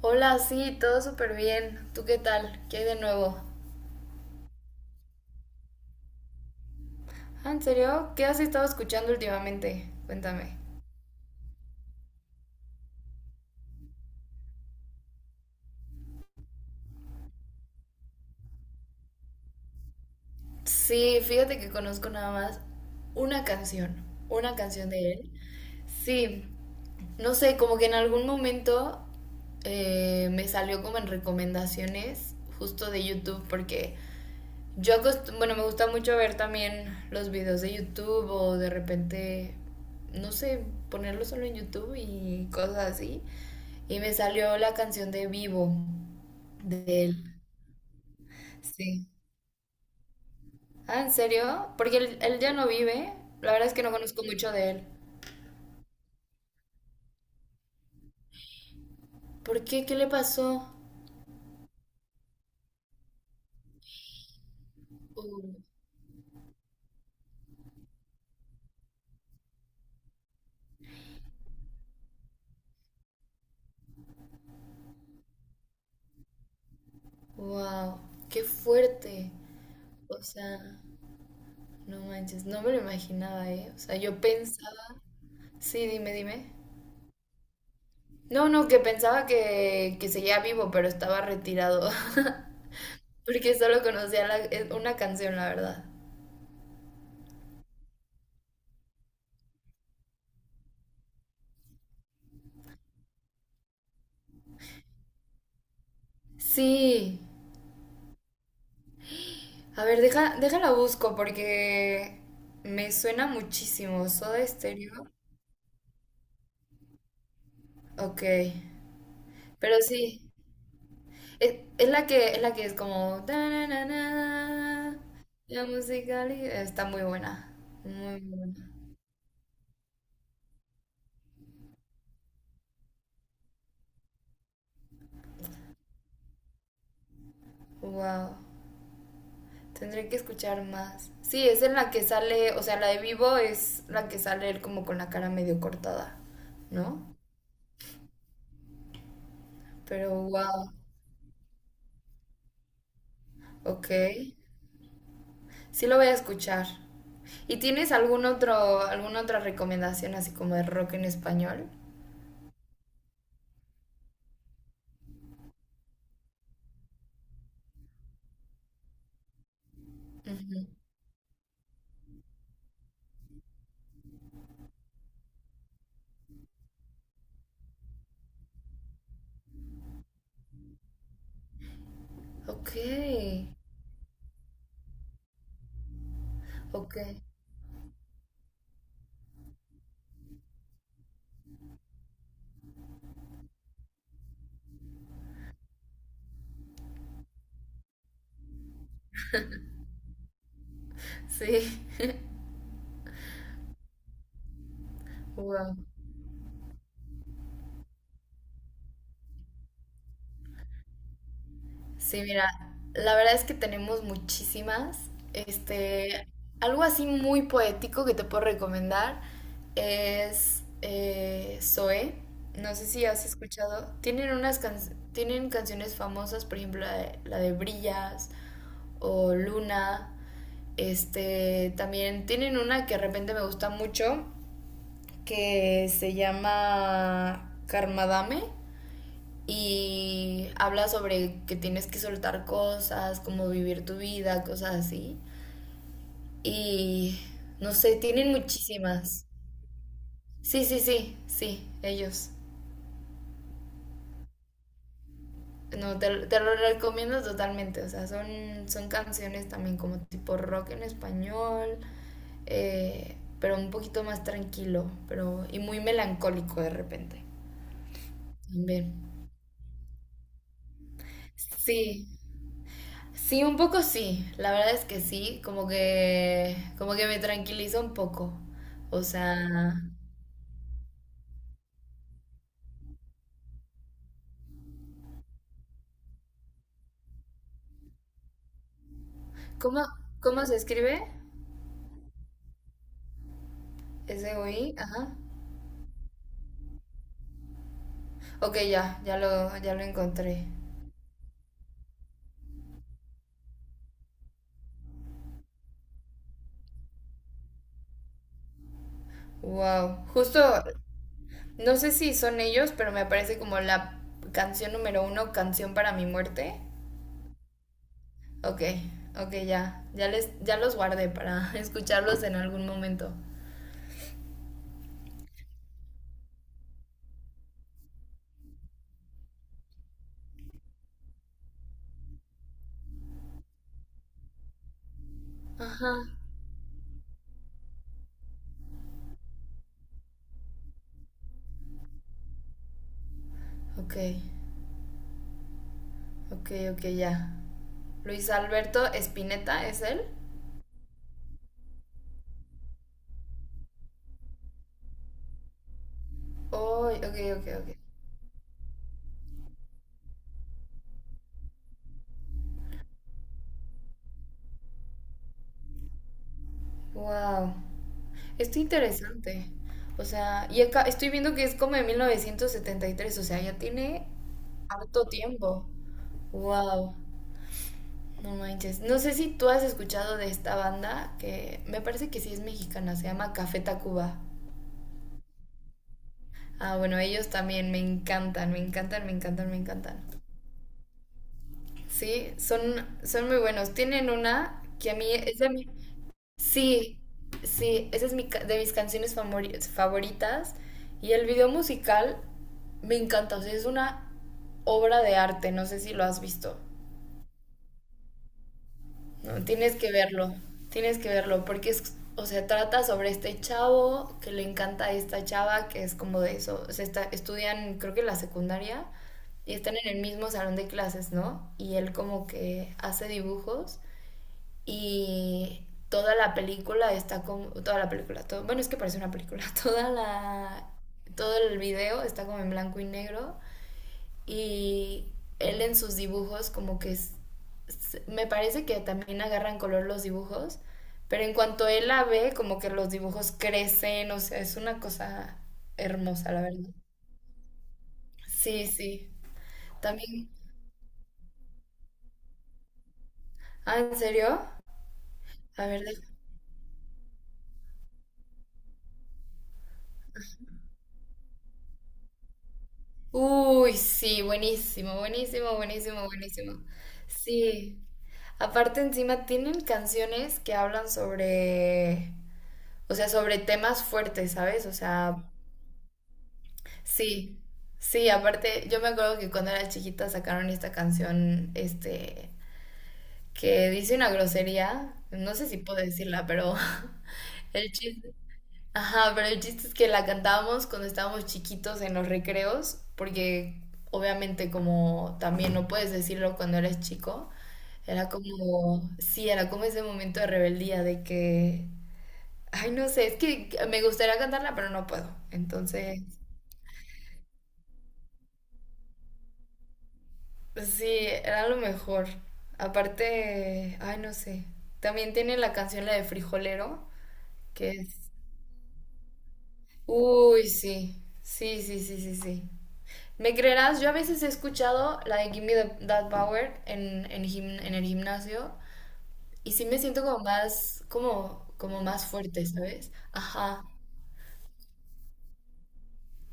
Hola, sí, todo súper bien. ¿Tú qué tal? ¿Qué hay de nuevo? Ah, ¿en serio? ¿Qué has estado escuchando últimamente? Cuéntame. Sí, fíjate que conozco nada más una canción, una canción de él. Sí, no sé, como que en algún momento me salió como en recomendaciones justo de YouTube porque bueno, me gusta mucho ver también los videos de YouTube o de repente, no sé, ponerlo solo en YouTube y cosas así. Y me salió la canción de Vivo de él. Sí. Ah, ¿en serio? Porque él ya no vive. La verdad es que no conozco mucho de él. ¿Por qué? ¿Qué le pasó? Oh, wow, qué fuerte. O sea, no manches, no me lo imaginaba, ¿eh? O sea, yo pensaba... Sí, dime, dime. No, no, que pensaba que seguía vivo, pero estaba retirado. Porque solo conocía una canción, la verdad. Sí, a ver, deja, déjala busco porque me suena muchísimo. Soda Stereo. Ok. Pero sí. Es la que es la que es como "Ta-na-na-na". La musical está muy buena. Muy buena. Wow. Tendré que escuchar más. Sí, es en la que sale. O sea, la de Vivo es la que sale él como con la cara medio cortada. ¿No? Pero wow. Ok. Sí lo voy a escuchar. ¿Y tienes algún otro, alguna otra recomendación así como de rock en español? Ujú. Ok, ok, sí, wow. Sí, mira, la verdad es que tenemos muchísimas. Este, algo así muy poético que te puedo recomendar es Zoé. No sé si has escuchado. Tienen tienen canciones famosas, por ejemplo, la de Brillas o Luna. Este, también tienen una que de repente me gusta mucho, que se llama Karmadame y habla sobre que tienes que soltar cosas, como vivir tu vida, cosas así. Y no sé, tienen muchísimas. Sí, sí, sí, sí, ellos. No, te lo recomiendo totalmente. O sea, son, son canciones también como tipo rock en español, pero un poquito más tranquilo pero, y muy melancólico de repente. Bien. Sí, sí, un poco sí. La verdad es que sí, como que me tranquiliza un poco. O sea, ¿cómo, cómo se escribe? S-O-I, ajá. Ok, ya, ya lo encontré. Wow, justo. No sé si son ellos, pero me aparece como la canción número uno, canción para mi muerte. Ok, ok, ya. Ya, les, ya los guardé para escucharlos en algún momento. Ajá. Ok, ok, ok, ya. Luis Alberto Spinetta, ¿es él? Oh, ok, ok, ok. Wow. Esto interesante. O sea, y acá estoy viendo que es como de 1973, o sea, ya tiene harto tiempo. Wow. No manches. No sé si tú has escuchado de esta banda que me parece que sí es mexicana, se llama Café Tacuba. Ah, bueno, ellos también me encantan, me encantan, me encantan, me encantan. Sí, son, son muy buenos. Tienen una que a mí es de mi... Sí, sí, esa es de mis favoritas. Y el video musical me encanta, o sea, es una obra de arte, no sé si lo has visto. No, tienes que verlo, porque es, o sea, trata sobre este chavo que le encanta a esta chava, que es como de eso, o sea, estudian creo que la secundaria y están en el mismo salón de clases, ¿no? Y él como que hace dibujos y toda la película está como, toda la película, todo, bueno, es que parece una película, toda la, todo el video está como en blanco y negro y él en sus dibujos como que me parece que también agarran color los dibujos, pero en cuanto él la ve como que los dibujos crecen, o sea, es una cosa hermosa, la verdad. Sí, sí. También, ah, ¿en serio? A ver, deja- Uy, sí, buenísimo, buenísimo, buenísimo, buenísimo. Sí. Aparte encima tienen canciones que hablan sobre, o sea, sobre temas fuertes, ¿sabes? O sea, sí, sí, aparte, yo me acuerdo que cuando era chiquita sacaron esta canción, este, que dice una grosería, no sé si puedo decirla, pero el chiste, ajá, pero el chiste es que la cantábamos cuando estábamos chiquitos en los recreos, porque obviamente como también no puedes decirlo cuando eres chico, era como, sí, era como ese momento de rebeldía de que, ay, no sé, es que me gustaría cantarla, pero no puedo, entonces... Sí, era lo mejor. Aparte, ay, no sé. También tiene la canción la de Frijolero, que es... Uy, sí. Sí, sí, sí, sí, sí. ¿Me creerás? Yo a veces he escuchado la de That Power en el gimnasio y sí me siento como más, como, como más fuerte, ¿sabes? Ajá.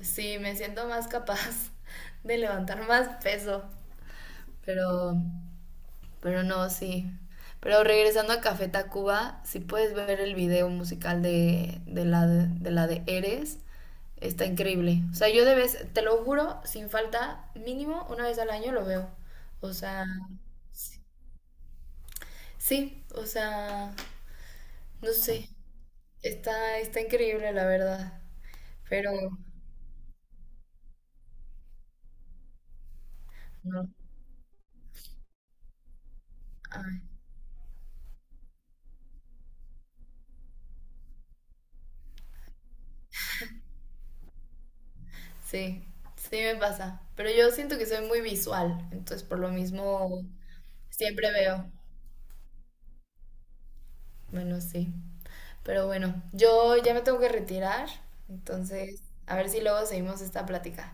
Sí, me siento más capaz de levantar más peso. Pero Pero no, sí. Pero regresando a Café Tacuba, si puedes ver el video musical de la de Eres, está increíble. O sea, yo de vez, te lo juro, sin falta, mínimo una vez al año lo veo. O sea, sí, o sea, no sé. Está, está increíble, la verdad. Pero, no, ay, sí, sí me pasa. Pero yo siento que soy muy visual, entonces por lo mismo siempre veo. Bueno, sí. Pero bueno, yo ya me tengo que retirar, entonces a ver si luego seguimos esta plática.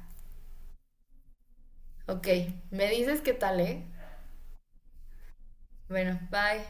Ok, me dices qué tal, ¿eh? Bueno, bye.